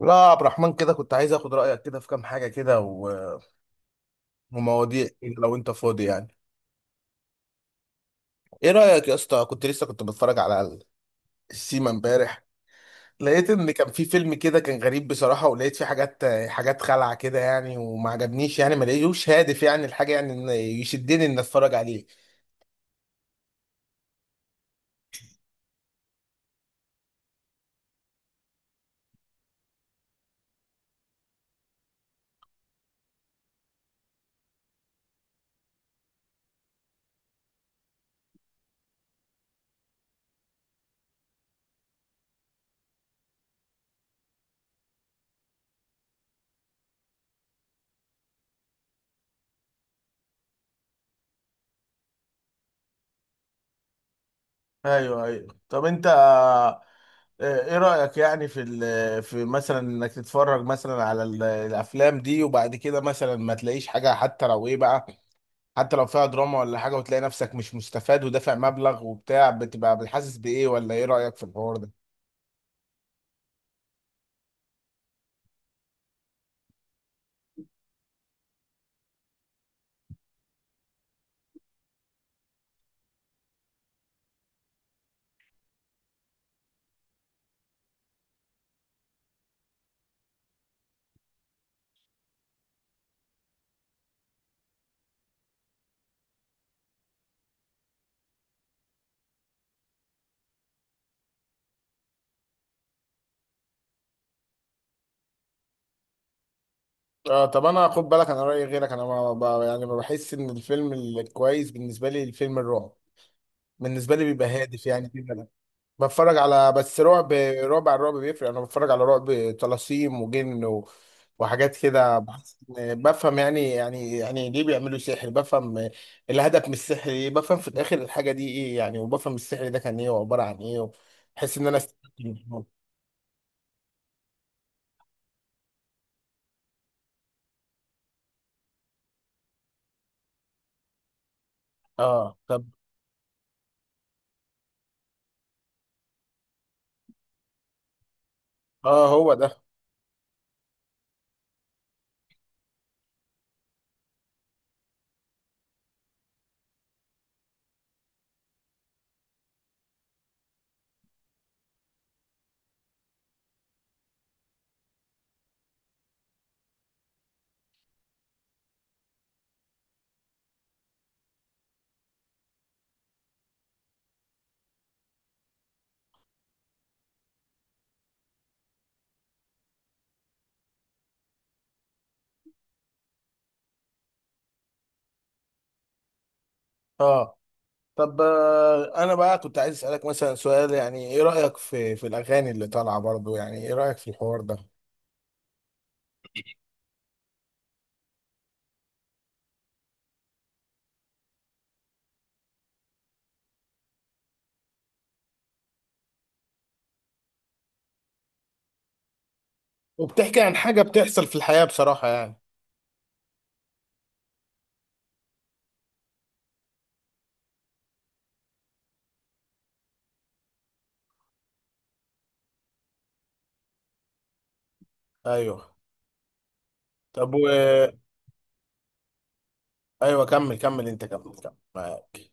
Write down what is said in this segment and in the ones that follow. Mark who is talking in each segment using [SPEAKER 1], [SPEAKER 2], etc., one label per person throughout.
[SPEAKER 1] لا يا عبد الرحمن كده كنت عايز اخد رايك كده في كام حاجه كده ومواضيع كده لو انت فاضي يعني. ايه رايك يا اسطى؟ كنت بتفرج على السيما امبارح. لقيت ان كان في فيلم كده كان غريب بصراحه، ولقيت فيه حاجات خلعه كده يعني، وما عجبنيش يعني، ما لقيتوش هادف يعني الحاجه، يعني إن يشدني ان اتفرج عليه. ايوه ايوه، طب انت ايه رأيك يعني في في مثلا انك تتفرج مثلا على الافلام دي، وبعد كده مثلا ما تلاقيش حاجة، حتى لو ايه بقى، حتى لو فيها دراما ولا حاجة، وتلاقي نفسك مش مستفاد ودافع مبلغ وبتاع، بتبقى بتحسس بإيه؟ ولا إيه رأيك في الحوار ده؟ آه طب انا خد بالك انا رايي غيرك، انا ما ب- يعني ما بحس ان الفيلم الكويس بالنسبه لي، الفيلم الرعب بالنسبه لي بيبقى هادف يعني بيبقى بتفرج على بس رعب على الرعب بيفرق. انا بتفرج على رعب طلاسيم وجن وحاجات كده، بحس بفهم يعني يعني ليه بيعملوا سحر، بفهم الهدف من السحر ايه، بفهم في الاخر الحاجه دي ايه يعني، وبفهم السحر ده كان ايه وعباره عن ايه. بحس ان انا استفدت منهم. اه طب. اه هو ده. اه طب آه انا بقى كنت عايز اسالك مثلا سؤال، يعني ايه رايك في في الاغاني اللي طالعه برضو؟ يعني ايه رايك في الحوار ده؟ وبتحكي عن حاجه بتحصل في الحياه بصراحه يعني. ايوه. طب و. ايوه كمل كمل، انت كمل كمل، معاك.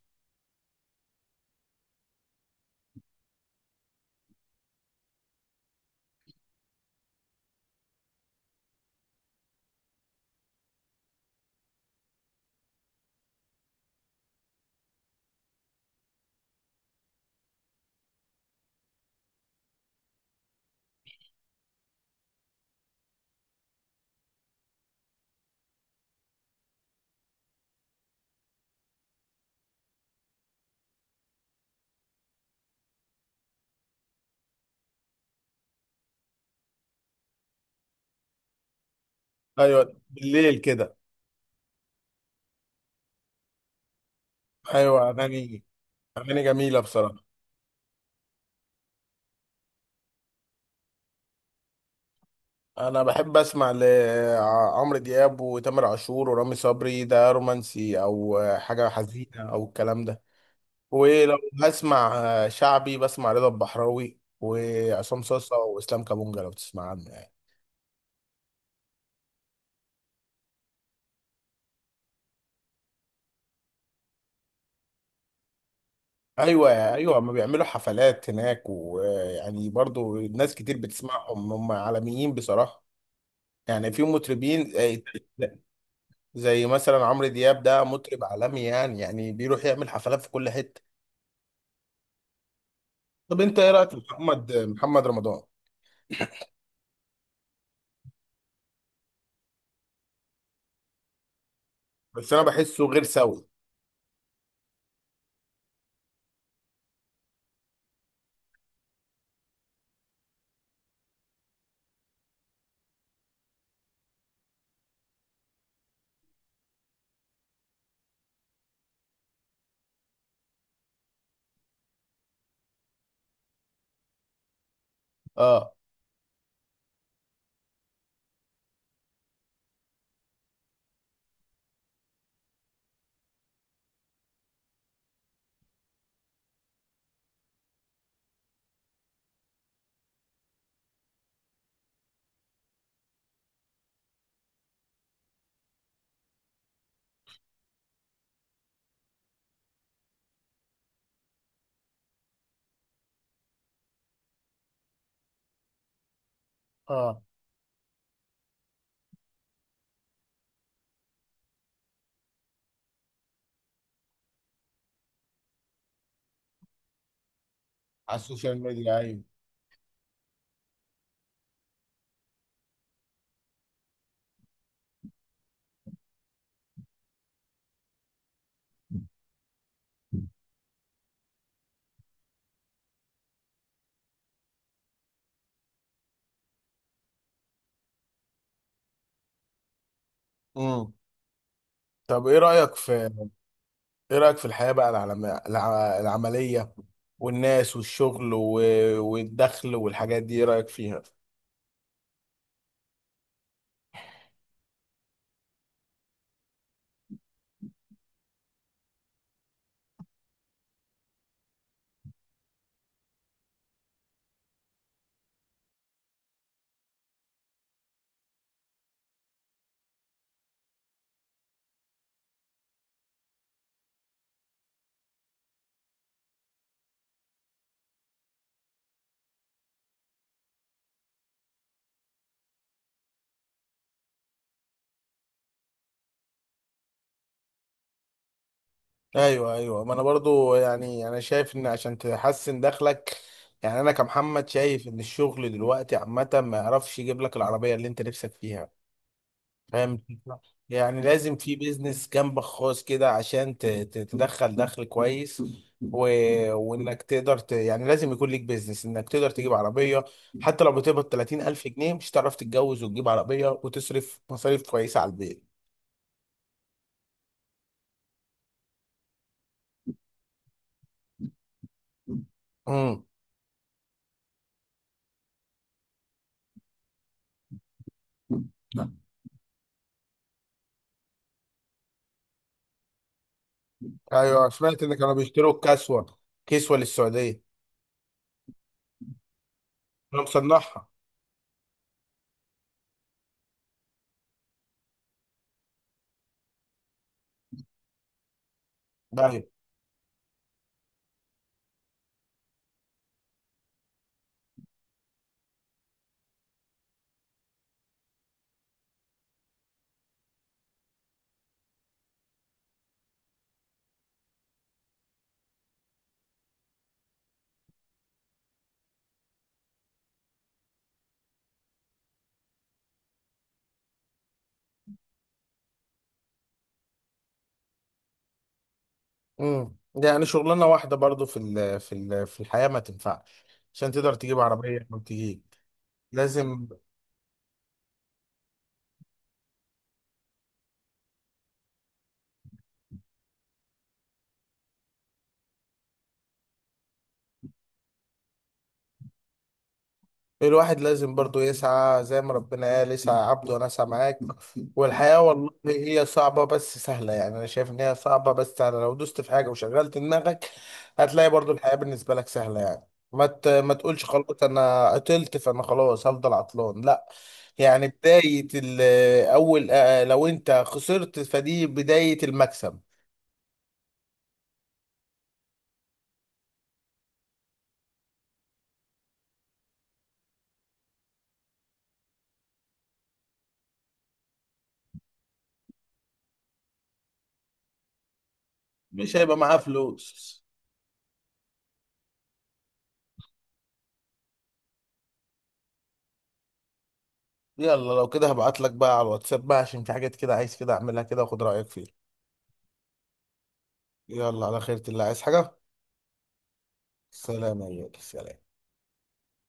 [SPEAKER 1] ايوه بالليل كده. ايوه اغاني. اغاني جميله بصراحه. انا بحب اسمع لعمرو دياب وتامر عاشور ورامي صبري، ده رومانسي او حاجه حزينه او الكلام ده. ولو هسمع شعبي بسمع رضا البحراوي وعصام صاصا واسلام كابونجا، لو تسمع عنه يعني. ايوه ايوه، ما بيعملوا حفلات هناك ويعني برضو ناس كتير بتسمعهم، هم عالميين بصراحه. يعني في مطربين زي مثلا عمرو دياب، ده مطرب عالمي يعني، يعني بيروح يعمل حفلات في كل حتة. طب انت ايه رأيك في محمد رمضان؟ بس انا بحسه غير سوي. اه. اه على السوشيال ميديا، ايوه. امم. طب ايه رأيك في، ايه رأيك في الحياة بقى، العملية والناس والشغل والدخل والحاجات دي، ايه رأيك فيها؟ ايوه ايوه، ما انا برضو يعني انا شايف ان عشان تحسن دخلك، يعني انا كمحمد شايف ان الشغل دلوقتي عامه ما يعرفش يجيب لك العربيه اللي انت نفسك فيها. فاهم الفكرة؟ يعني لازم في بيزنس جنبك خاص كده عشان تدخل دخل كويس و... وانك تقدر يعني لازم يكون ليك بيزنس انك تقدر تجيب عربيه. حتى لو بتقبض 30,000 جنيه مش هتعرف تتجوز وتجيب عربيه وتصرف مصاريف كويسه على البيت. امم. ايوه سمعت ان كانوا بيشتروا الكسوه، كسوه للسعوديه. انا مصنعها. ايوه. امم، ده يعني شغلانه واحده برضو في الحياه ما تنفعش عشان تقدر تجيب عربيه او تجيب. لازم. الواحد لازم برضو يسعى، زي ما ربنا قال اسعى يا عبد وانا اسعى معاك. والحياة والله هي صعبة بس سهلة، يعني انا شايف ان هي صعبة بس سهلة لو دوست في حاجة وشغلت دماغك هتلاقي برضو الحياة بالنسبة لك سهلة. يعني ما تقولش خلاص انا عطلت فانا خلاص هفضل عطلان، لا. يعني اول لو انت خسرت فدي بداية المكسب. مش هيبقى معاه فلوس. يلا لو كده هبعت لك بقى على الواتساب بقى، عشان في حاجات كده عايز كده اعملها كده واخد رأيك فيها. يلا على خيرة الله، عايز حاجة؟ سلام يا غالي. سلام.